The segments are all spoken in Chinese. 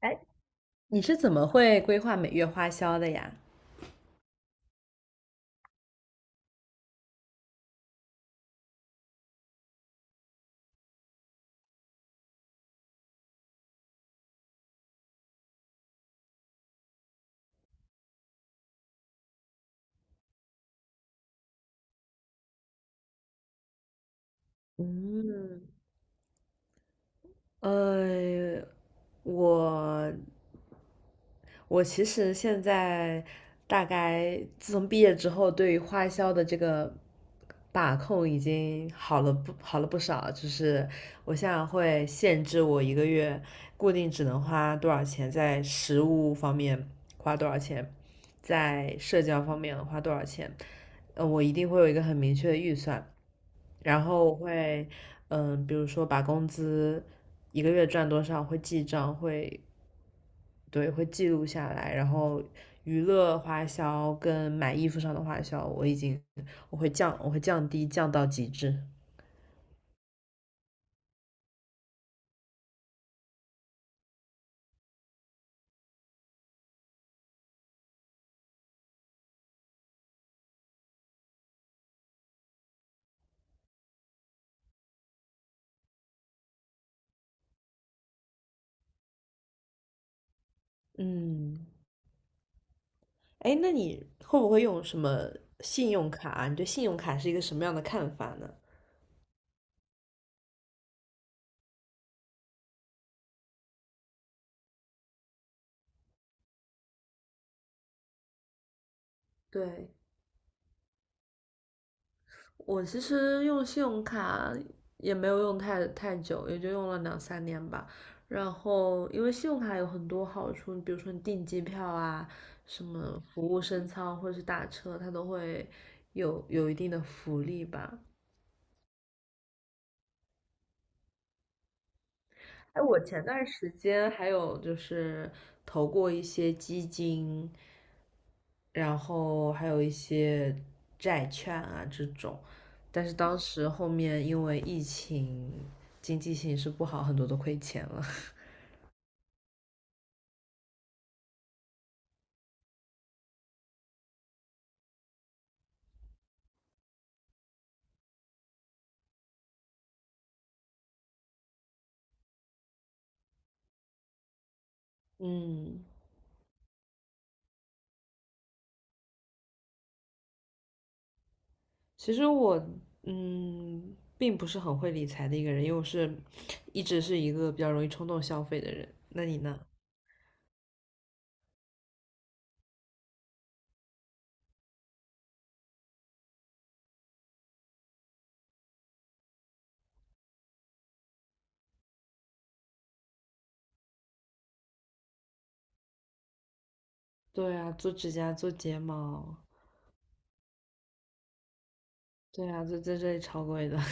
哎，你是怎么会规划每月花销的呀？嗯，呃，我我其实现在大概自从毕业之后，对于花销的这个把控已经好了不少。就是我现在会限制我一个月固定只能花多少钱，在食物方面花多少钱，在社交方面花多少钱。呃，我一定会有一个很明确的预算。然后我会，嗯，比如说把工资一个月赚多少会记账，会，对，会记录下来。然后娱乐花销跟买衣服上的花销，我会降低，降到极致。嗯，哎，那你会不会用什么信用卡啊？你对信用卡是一个什么样的看法呢？对，我其实用信用卡也没有用太久，也就用了2、3年吧。然后，因为信用卡有很多好处，比如说你订机票啊，什么服务升舱或者是打车，它都会有一定的福利吧。哎，我前段时间还有就是投过一些基金，然后还有一些债券啊这种，但是当时后面因为疫情，经济形势不好，很多都亏钱了。嗯，其实我嗯并不是很会理财的一个人，因为我是一直是一个比较容易冲动消费的人。那你呢？对啊，做指甲、做睫毛，对啊，就在这里超贵的。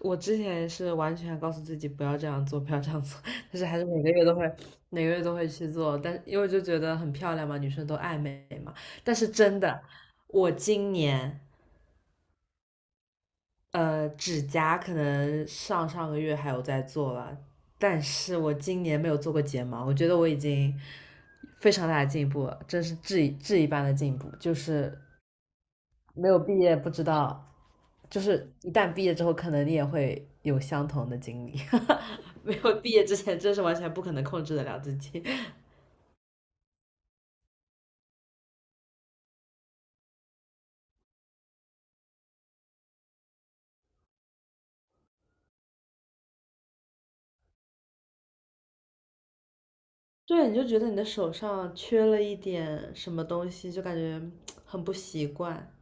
我之前也是完全告诉自己不要这样做，不要这样做，但是还是每个月都会，每个月都会去做。但因为就觉得很漂亮嘛，女生都爱美嘛。但是真的，我今年呃指甲可能上上个月还有在做了，但是我今年没有做过睫毛，我觉得我已经非常大的进步了，真是质一般的进步。就是没有毕业不知道，就是一旦毕业之后，可能你也会有相同的经历。没有毕业之前，真是完全不可能控制得了自己。对，你就觉得你的手上缺了一点什么东西，就感觉很不习惯。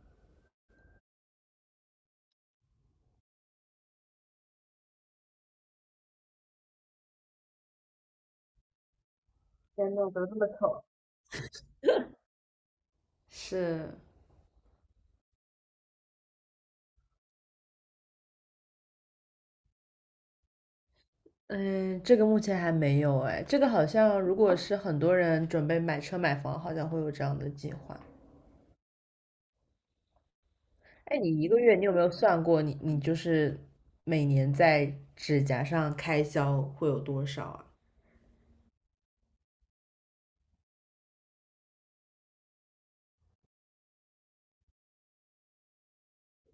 天呐，怎么这么丑？是，嗯，这个目前还没有哎，这个好像如果是很多人准备买车买房，好像会有这样的计划。哎，你一个月你有没有算过你就是每年在指甲上开销会有多少啊？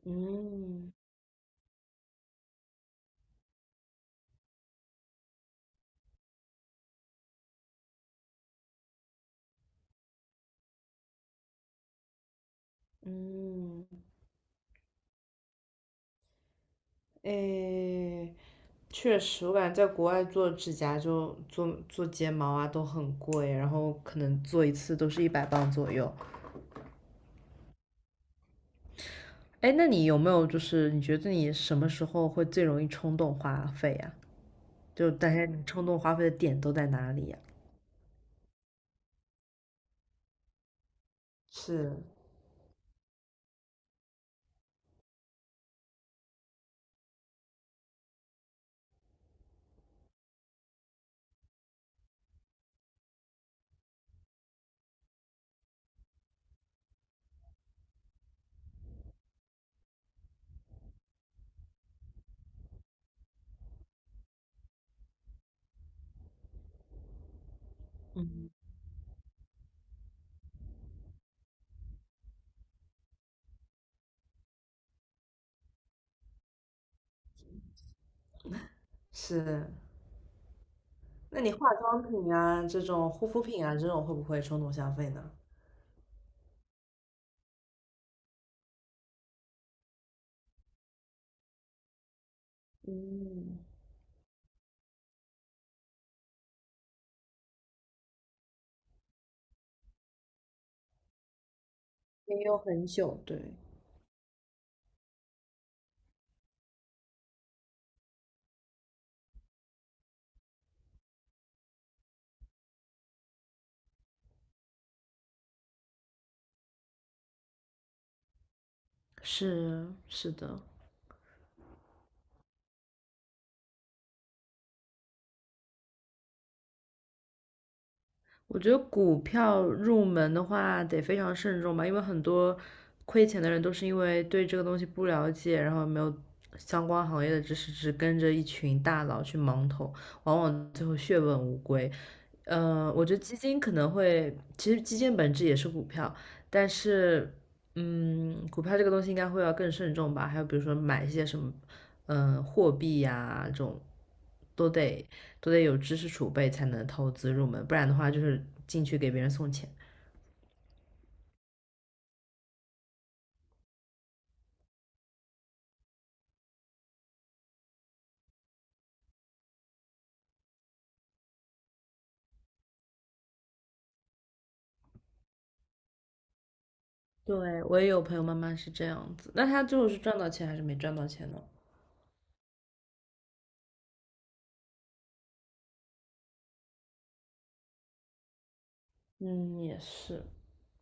嗯嗯，哎，确实，我感觉在国外做指甲就做做睫毛啊都很贵，然后可能做一次都是100磅左右。哎，那你有没有就是你觉得你什么时候会最容易冲动花费呀、就大家你冲动花费的点都在哪里呀、是是，那你化妆品啊这种护肤品啊这种会不会冲动消费呢？嗯，也有很久，对，是是的。我觉得股票入门的话得非常慎重吧，因为很多亏钱的人都是因为对这个东西不了解，然后没有相关行业的知识，只跟着一群大佬去盲投，往往最后血本无归。呃，我觉得基金可能会，其实基金本质也是股票，但是，嗯，股票这个东西应该会要更慎重吧。还有比如说买一些什么，嗯，货币呀、这种，都得都得有知识储备才能投资入门，不然的话就是进去给别人送钱。对，我也有朋友妈妈是这样子，那她最后是赚到钱还是没赚到钱呢？嗯，也是，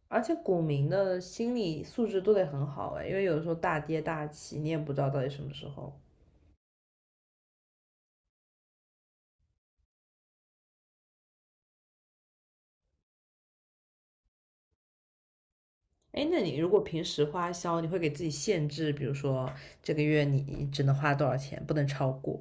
而且股民的心理素质都得很好哎，因为有的时候大跌大起，你也不知道到底什么时候。哎，那你如果平时花销，你会给自己限制，比如说这个月你只能花多少钱，不能超过。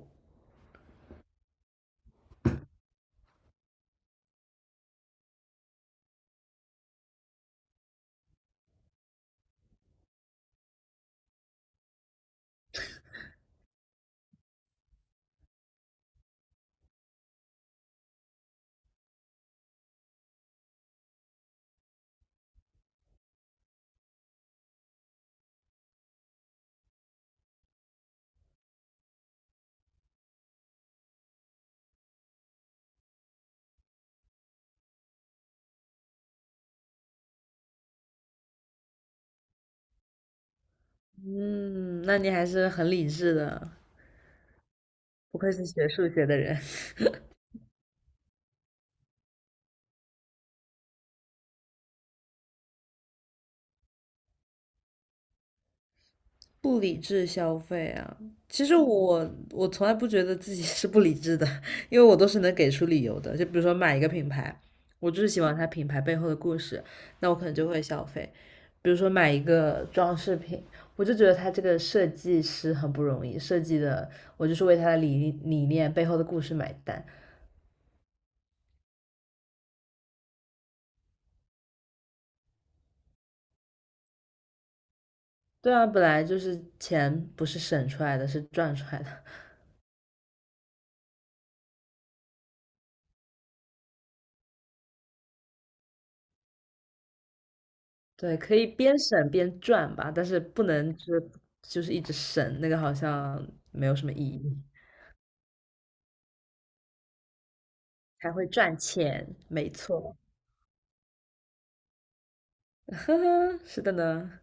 嗯，那你还是很理智的，不愧是学数学的人。不理智消费啊，其实我从来不觉得自己是不理智的，因为我都是能给出理由的。就比如说买一个品牌，我就是喜欢它品牌背后的故事，那我可能就会消费。比如说买一个装饰品，我就觉得它这个设计师很不容易，设计的我就是为它的理念背后的故事买单。对啊，本来就是钱不是省出来的，是赚出来的。对，可以边省边赚吧，但是不能就是一直省，那个好像没有什么意义，还会赚钱，没错，呵呵，是的呢。